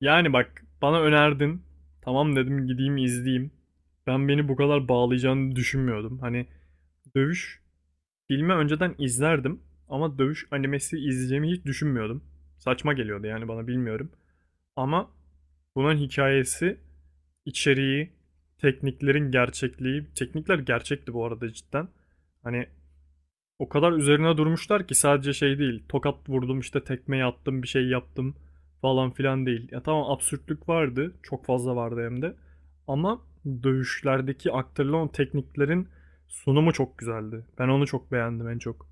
Yani bak bana önerdin. Tamam dedim gideyim izleyeyim. Ben beni bu kadar bağlayacağını düşünmüyordum. Hani dövüş filmi önceden izlerdim ama dövüş animesi izleyeceğimi hiç düşünmüyordum. Saçma geliyordu yani bana bilmiyorum. Ama bunun hikayesi, içeriği, tekniklerin gerçekliği, teknikler gerçekti bu arada cidden. Hani o kadar üzerine durmuşlar ki sadece şey değil. Tokat vurdum işte tekmeyi attım bir şey yaptım falan filan değil. Ya tamam absürtlük vardı. Çok fazla vardı hem de. Ama dövüşlerdeki aktarılan tekniklerin sunumu çok güzeldi. Ben onu çok beğendim en çok.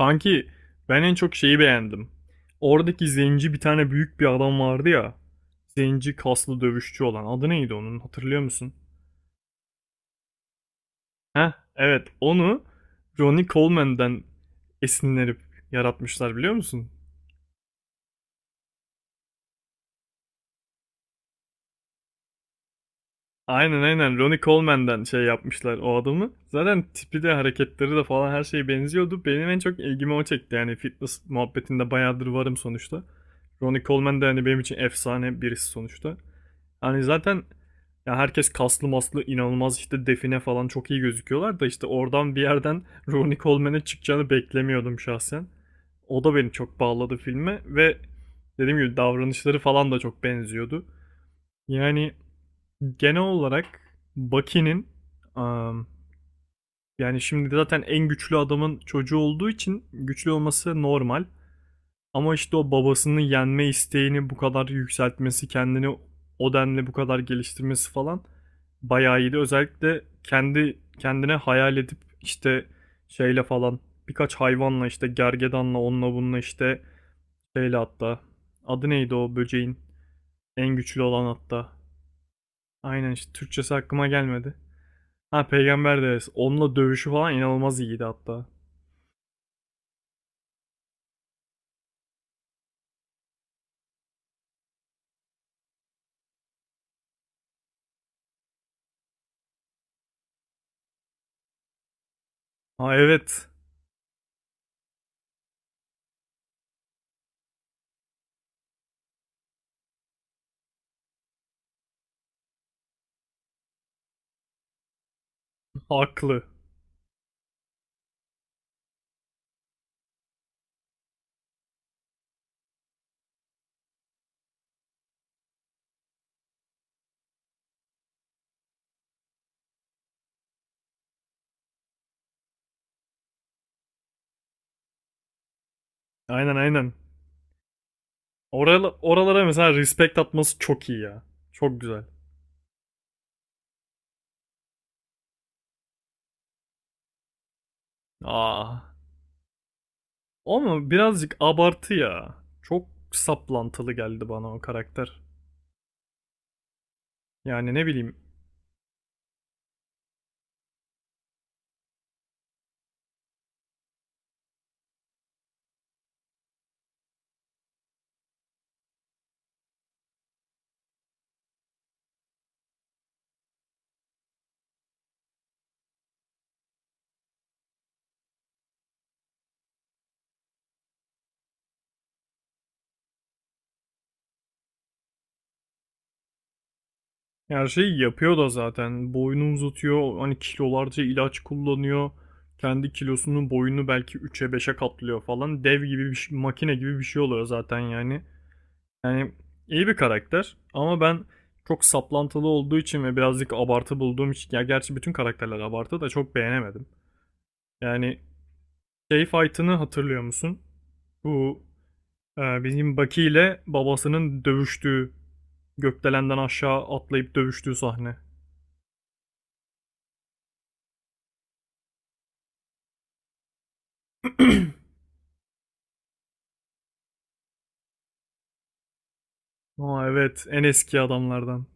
Sanki ben en çok şeyi beğendim. Oradaki zenci bir tane büyük bir adam vardı ya. Zenci kaslı dövüşçü olan. Adı neydi onun hatırlıyor musun? Heh, evet onu Ronnie Coleman'den esinlenip yaratmışlar biliyor musun? Aynen aynen, Ronnie Coleman'den şey yapmışlar o adamı. Zaten tipi de hareketleri de falan her şeye benziyordu. Benim en çok ilgimi o çekti yani fitness muhabbetinde bayağıdır varım sonuçta. Ronnie Coleman da hani benim için efsane birisi sonuçta. Yani zaten ya herkes kaslı maslı inanılmaz işte define falan çok iyi gözüküyorlar da işte oradan bir yerden Ronnie Coleman'e çıkacağını beklemiyordum şahsen. O da beni çok bağladı filme ve dediğim gibi davranışları falan da çok benziyordu. Yani genel olarak Bucky'nin am, yani şimdi zaten en güçlü adamın çocuğu olduğu için güçlü olması normal. Ama işte o babasını yenme isteğini bu kadar yükseltmesi, kendini o denli bu kadar geliştirmesi falan bayağı iyiydi. Özellikle kendi kendine hayal edip işte şeyle falan birkaç hayvanla işte gergedanla onunla bununla işte şeyle hatta adı neydi o böceğin en güçlü olan hatta. Aynen işte Türkçesi aklıma gelmedi. Ha, Peygamber Devesi. Onunla dövüşü falan inanılmaz iyiydi hatta. Ha, evet. Haklı. Aynen aynen. Oralara mesela respect atması çok iyi ya. Çok güzel. Aa. Ama birazcık abartı ya. Çok saplantılı geldi bana o karakter. Yani ne bileyim. Her şeyi yapıyor da zaten. Boyunu uzatıyor. Hani kilolarca ilaç kullanıyor. Kendi kilosunun boyunu belki üç'e beşe katlıyor falan. Dev gibi bir şey, makine gibi bir şey oluyor zaten yani. Yani iyi bir karakter ama ben çok saplantılı olduğu için ve birazcık abartı bulduğum için, ya gerçi bütün karakterler abartı, da çok beğenemedim. Yani şey fight'ını hatırlıyor musun? Bu Bizim Baki ile babasının dövüştüğü gökdelenden aşağı atlayıp dövüştüğü sahne. Aa, evet, en eski adamlardan.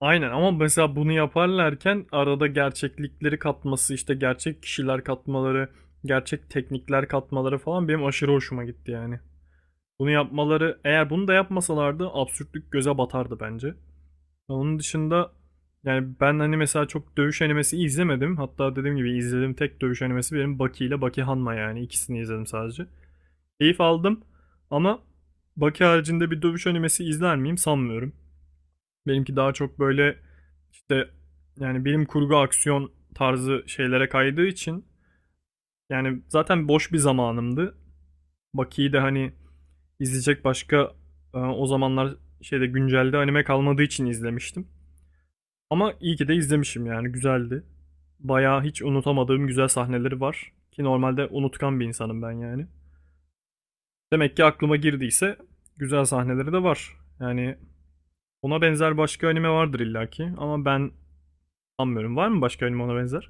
Aynen, ama mesela bunu yaparlarken arada gerçeklikleri katması, işte gerçek kişiler katmaları, gerçek teknikler katmaları falan benim aşırı hoşuma gitti yani. Bunu yapmaları, eğer bunu da yapmasalardı absürtlük göze batardı bence. Onun dışında yani ben hani mesela çok dövüş animesi izlemedim. Hatta dediğim gibi izlediğim tek dövüş animesi benim Baki ile Baki Hanma, yani ikisini izledim sadece. Keyif aldım ama Baki haricinde bir dövüş animesi izler miyim sanmıyorum. Benimki daha çok böyle işte yani bilim kurgu aksiyon tarzı şeylere kaydığı için, yani zaten boş bir zamanımdı. Baki'yi de hani izleyecek başka o zamanlar şeyde güncelde anime kalmadığı için izlemiştim. Ama iyi ki de izlemişim, yani güzeldi. Bayağı hiç unutamadığım güzel sahneleri var. Ki normalde unutkan bir insanım ben yani. Demek ki aklıma girdiyse güzel sahneleri de var. Yani ona benzer başka anime vardır illaki ama ben sanmıyorum. Var mı başka anime ona benzer?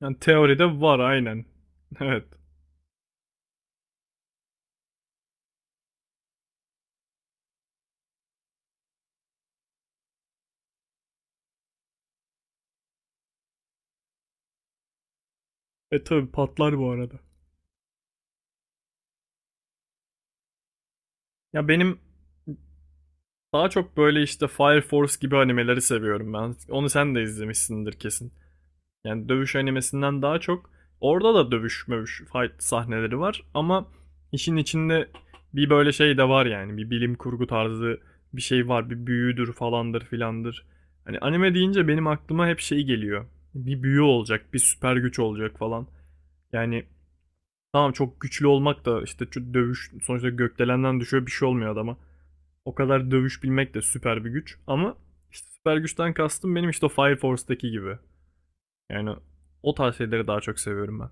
Yani teoride var aynen. Evet. E tabi patlar bu arada. Ya benim daha çok böyle işte Fire Force gibi animeleri seviyorum ben. Onu sen de izlemişsindir kesin. Yani dövüş animesinden daha çok, orada da dövüş mövüş fight sahneleri var ama işin içinde bir böyle şey de var, yani bir bilim kurgu tarzı bir şey var, bir büyüdür falandır filandır. Hani anime deyince benim aklıma hep şey geliyor. Bir büyü olacak, bir süper güç olacak falan. Yani tamam, çok güçlü olmak da işte şu dövüş sonuçta, gökdelenden düşüyor bir şey olmuyor adama. O kadar dövüş bilmek de süper bir güç ama işte süper güçten kastım benim işte o Fire Force'daki gibi. Yani o tarz şeyleri daha çok seviyorum ben.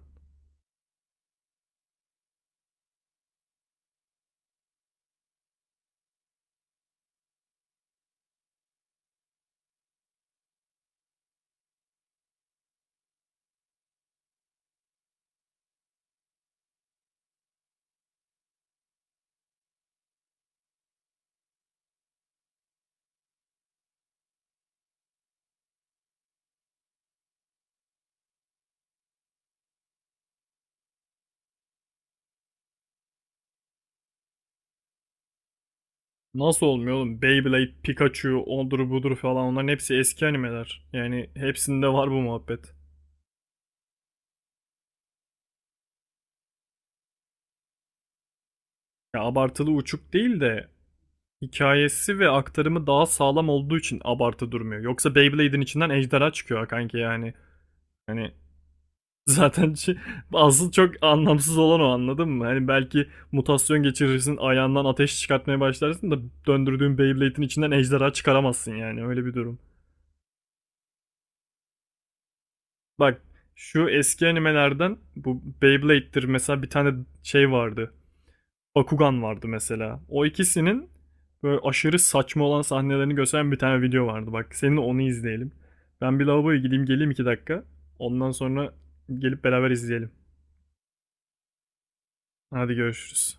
Nasıl olmuyor oğlum? Beyblade, Pikachu, ondur budur falan, onların hepsi eski animeler. Yani hepsinde var bu muhabbet. Ya abartılı uçuk değil de hikayesi ve aktarımı daha sağlam olduğu için abartı durmuyor. Yoksa Beyblade'in içinden ejderha çıkıyor ha kanki yani. Hani zaten şey- asıl çok anlamsız olan o, anladın mı? Hani belki mutasyon geçirirsin ayağından ateş çıkartmaya başlarsın da döndürdüğün Beyblade'in içinden ejderha çıkaramazsın, yani öyle bir durum. Bak, şu eski animelerden bu Beyblade'dir mesela, bir tane şey vardı. Bakugan vardı mesela. O ikisinin böyle aşırı saçma olan sahnelerini gösteren bir tane video vardı. Bak, seninle onu izleyelim. Ben bir lavaboya gideyim geleyim, 2 dakika. Ondan sonra gelip beraber izleyelim. Hadi görüşürüz.